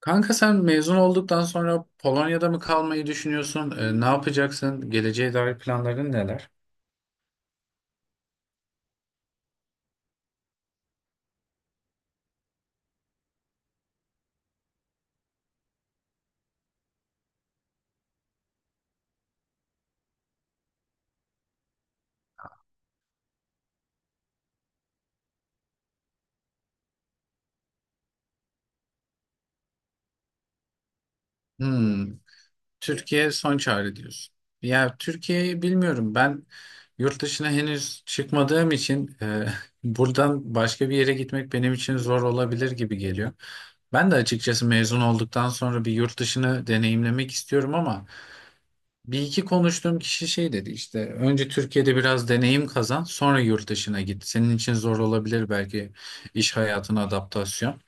Kanka sen mezun olduktan sonra Polonya'da mı kalmayı düşünüyorsun? Ne yapacaksın? Geleceğe dair planların neler? Hmm. Türkiye son çare diyorsun. Ya Türkiye'yi bilmiyorum. Ben yurt dışına henüz çıkmadığım için buradan başka bir yere gitmek benim için zor olabilir gibi geliyor. Ben de açıkçası mezun olduktan sonra bir yurt dışını deneyimlemek istiyorum, ama bir iki konuştuğum kişi şey dedi işte, önce Türkiye'de biraz deneyim kazan, sonra yurt dışına git. Senin için zor olabilir belki iş hayatına adaptasyon.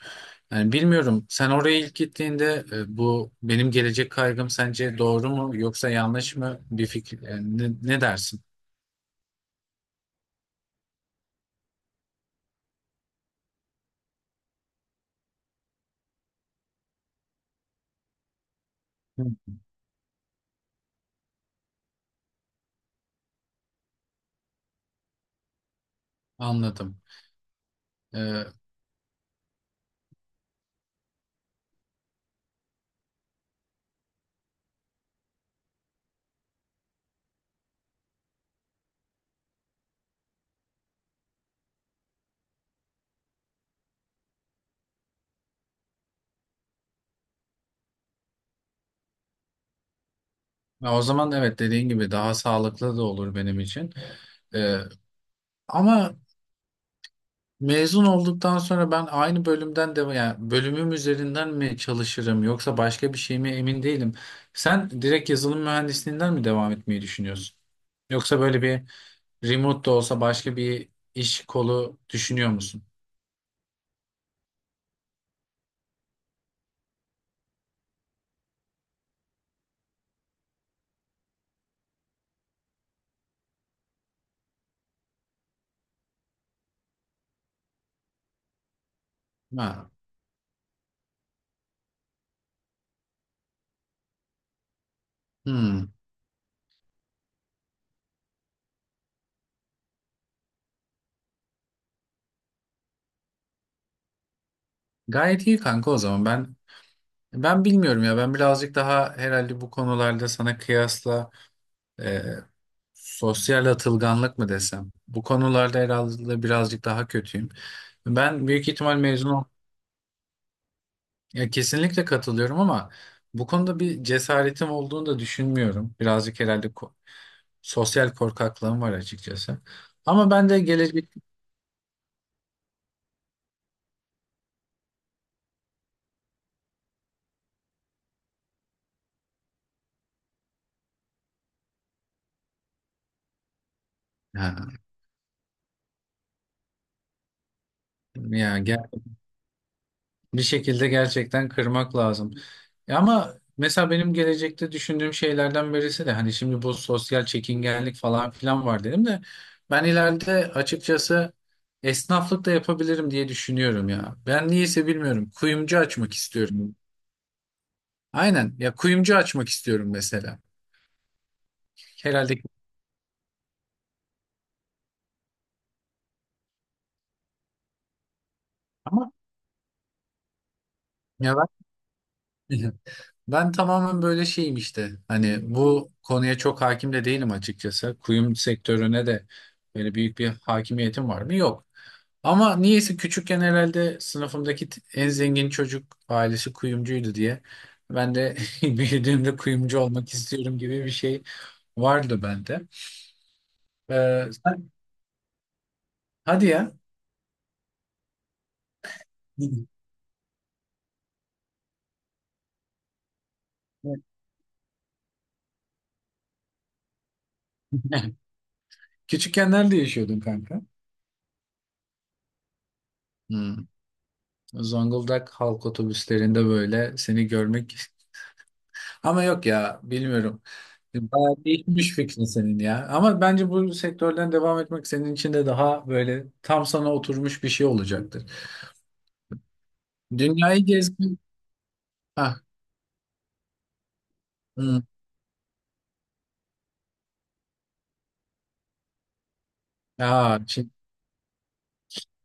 Yani bilmiyorum, sen oraya ilk gittiğinde bu benim gelecek kaygım sence doğru mu yoksa yanlış mı bir fikir, yani ne dersin? Hı. Anladım. Ee, ya o zaman evet, dediğin gibi daha sağlıklı da olur benim için. Ee, Ama mezun olduktan sonra ben aynı bölümden de, yani bölümüm üzerinden mi çalışırım yoksa başka bir şey mi, emin değilim. Sen direkt yazılım mühendisliğinden mi devam etmeyi düşünüyorsun? Yoksa böyle bir remote da olsa başka bir iş kolu düşünüyor musun? Ha. Hmm. Gayet iyi kanka o zaman. Ben bilmiyorum ya. Ben birazcık daha herhalde bu konularda sana kıyasla sosyal atılganlık mı desem? Bu konularda herhalde birazcık daha kötüyüm. Ben büyük ihtimal mezun ol. Ya kesinlikle katılıyorum, ama bu konuda bir cesaretim olduğunu da düşünmüyorum. Birazcık herhalde sosyal korkaklığım var açıkçası. Ama ben de gelecek. Ha, ya bir şekilde gerçekten kırmak lazım. Ya ama mesela benim gelecekte düşündüğüm şeylerden birisi de, hani şimdi bu sosyal çekingenlik falan filan var dedim de, ben ileride açıkçası esnaflık da yapabilirim diye düşünüyorum ya. Ben niyeyse bilmiyorum. Kuyumcu açmak istiyorum. Aynen ya, kuyumcu açmak istiyorum mesela. Herhalde, ama ya ben ben tamamen böyle şeyim işte. Hani bu konuya çok hakim de değilim açıkçası. Kuyum sektörüne de böyle büyük bir hakimiyetim var mı? Yok. Ama niyeyse küçükken herhalde sınıfımdaki en zengin çocuk ailesi kuyumcuydu diye, ben de büyüdüğümde kuyumcu olmak istiyorum gibi bir şey vardı bende. Sen, hadi ya. Küçükken nerede yaşıyordun kanka? Hmm. Zonguldak halk otobüslerinde böyle seni görmek. Ama yok ya, bilmiyorum. Bayağı değişmiş fikrin senin ya. Ama bence bu sektörden devam etmek senin için de daha böyle tam sana oturmuş bir şey olacaktır. Dünyayı gezmek. Ha, hı. Ya,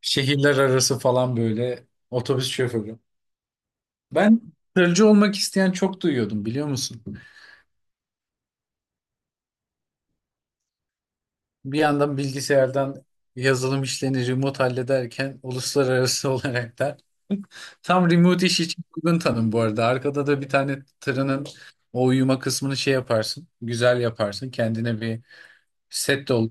şehirler arası falan böyle otobüs şoförü. Ben tırcı olmak isteyen çok duyuyordum, biliyor musun? Bir yandan bilgisayardan yazılım işlerini remote hallederken uluslararası olarak da tam remote iş için uygun tanım bu arada. Arkada da bir tane tırının o uyuma kısmını şey yaparsın. Güzel yaparsın. Kendine bir set de ol.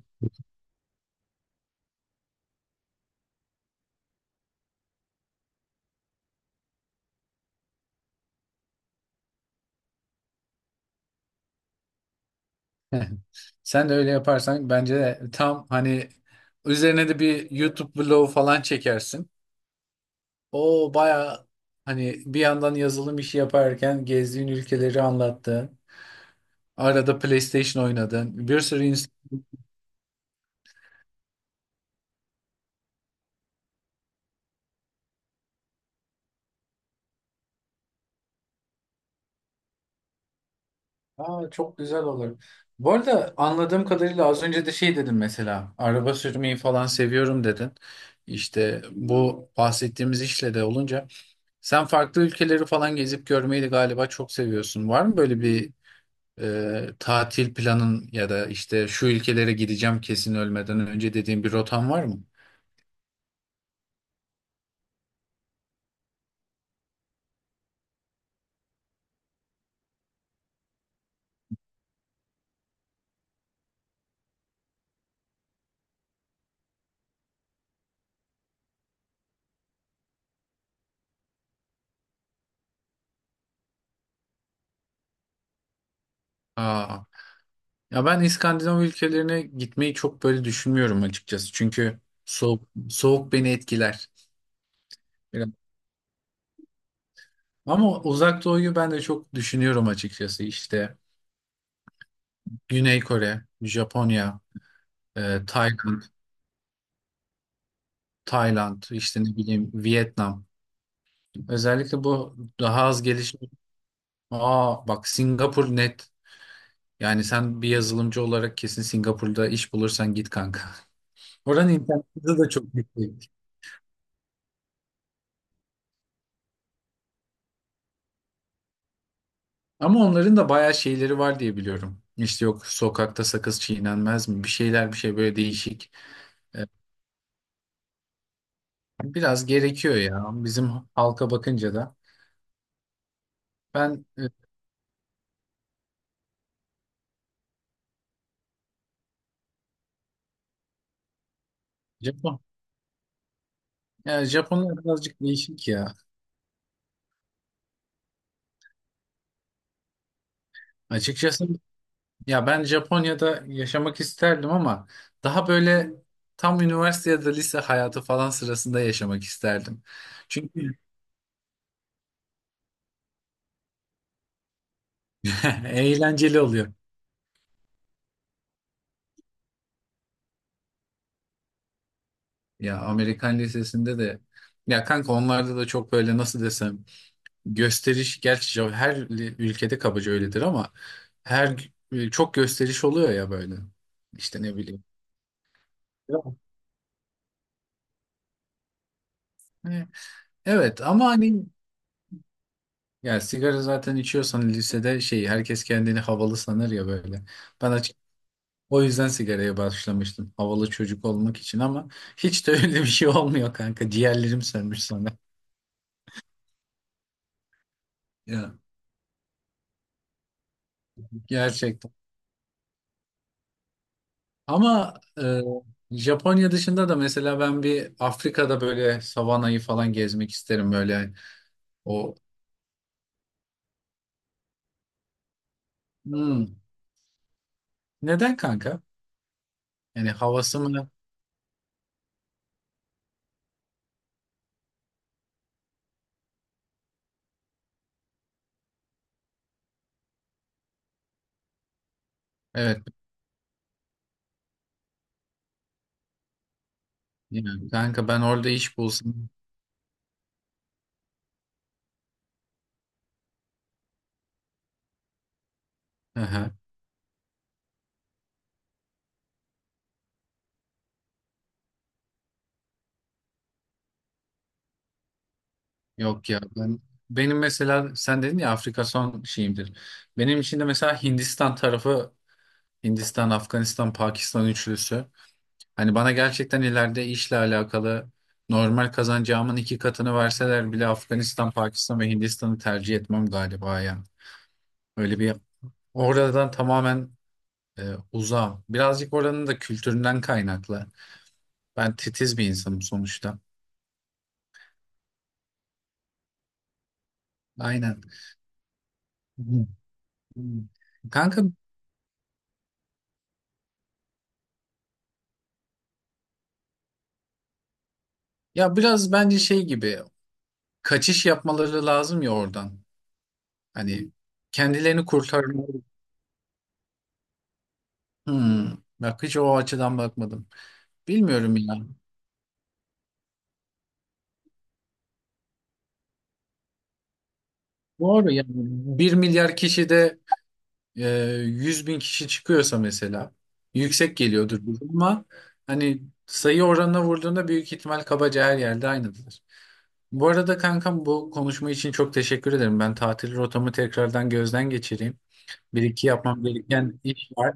Sen de öyle yaparsan bence de tam hani üzerine de bir YouTube vlog falan çekersin. O baya, hani bir yandan yazılım işi yaparken gezdiğin ülkeleri anlattın. Arada PlayStation oynadın. Bir sürü. Aa, çok güzel olur. Bu arada anladığım kadarıyla az önce de şey dedin, mesela araba sürmeyi falan seviyorum dedin. İşte bu bahsettiğimiz işle de olunca sen farklı ülkeleri falan gezip görmeyi de galiba çok seviyorsun. Var mı böyle bir tatil planın ya da işte şu ülkelere gideceğim kesin ölmeden önce dediğin bir rotan var mı? Aa, ya ben İskandinav ülkelerine gitmeyi çok böyle düşünmüyorum açıkçası. Çünkü soğuk, soğuk beni etkiler. Ama Uzak Doğu'yu ben de çok düşünüyorum açıkçası. İşte Güney Kore, Japonya, Tayland, işte ne bileyim, Vietnam. Özellikle bu daha az gelişmiş. Aa bak, Singapur net. Yani sen bir yazılımcı olarak kesin Singapur'da iş bulursan git kanka. Oranın internet hızı da çok yüksek. Ama onların da bayağı şeyleri var diye biliyorum. İşte yok, sokakta sakız çiğnenmez mi? Bir şeyler, bir şey, böyle değişik. E, biraz gerekiyor ya. Bizim halka bakınca da. Ben e, Japon, ya Japonlar birazcık değişik ya. Açıkçası ya ben Japonya'da yaşamak isterdim, ama daha böyle tam üniversite ya da lise hayatı falan sırasında yaşamak isterdim. Çünkü eğlenceli oluyor. Ya Amerikan lisesinde de ya kanka, onlarda da çok böyle nasıl desem, gösteriş, gerçi her ülkede kabaca öyledir, ama çok gösteriş oluyor ya böyle. İşte ne bileyim. Evet. Evet, ama hani, ya sigara zaten içiyorsan lisede şey, herkes kendini havalı sanır ya böyle. Ben açık o yüzden sigaraya başlamıştım. Havalı çocuk olmak için, ama hiç de öyle bir şey olmuyor kanka. Ciğerlerim sönmüş sana. Ya. Gerçekten. Ama e, Japonya dışında da mesela ben bir Afrika'da böyle savanayı falan gezmek isterim böyle. O. Hmm. Neden kanka? Yani havası mı? Evet. Yani kanka ben orada iş bulsam. Yok ya, ben, benim mesela sen dedin ya, Afrika son şeyimdir. Benim için de mesela Hindistan tarafı, Hindistan, Afganistan, Pakistan üçlüsü. Hani bana gerçekten ileride işle alakalı normal kazancağımın iki katını verseler bile Afganistan, Pakistan ve Hindistan'ı tercih etmem galiba ya. Öyle bir oradan tamamen e, uzağım. Birazcık oranın da kültüründen kaynaklı. Ben titiz bir insanım sonuçta. Aynen. Kanka ya, biraz bence şey gibi, kaçış yapmaları lazım ya oradan. Hani kendilerini kurtarmaları. Hmm, bak hiç o açıdan bakmadım. Bilmiyorum ya. Doğru yani. 1 milyar kişide e, 100 bin kişi çıkıyorsa mesela yüksek geliyordur bu, ama hani sayı oranına vurduğunda büyük ihtimal kabaca her yerde aynıdır. Bu arada kankam, bu konuşma için çok teşekkür ederim. Ben tatil rotamı tekrardan gözden geçireyim. Bir iki yapmam gereken iş var.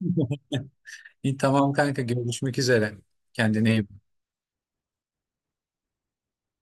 İyi, tamam kanka, görüşmek üzere. Kendine iyi bak.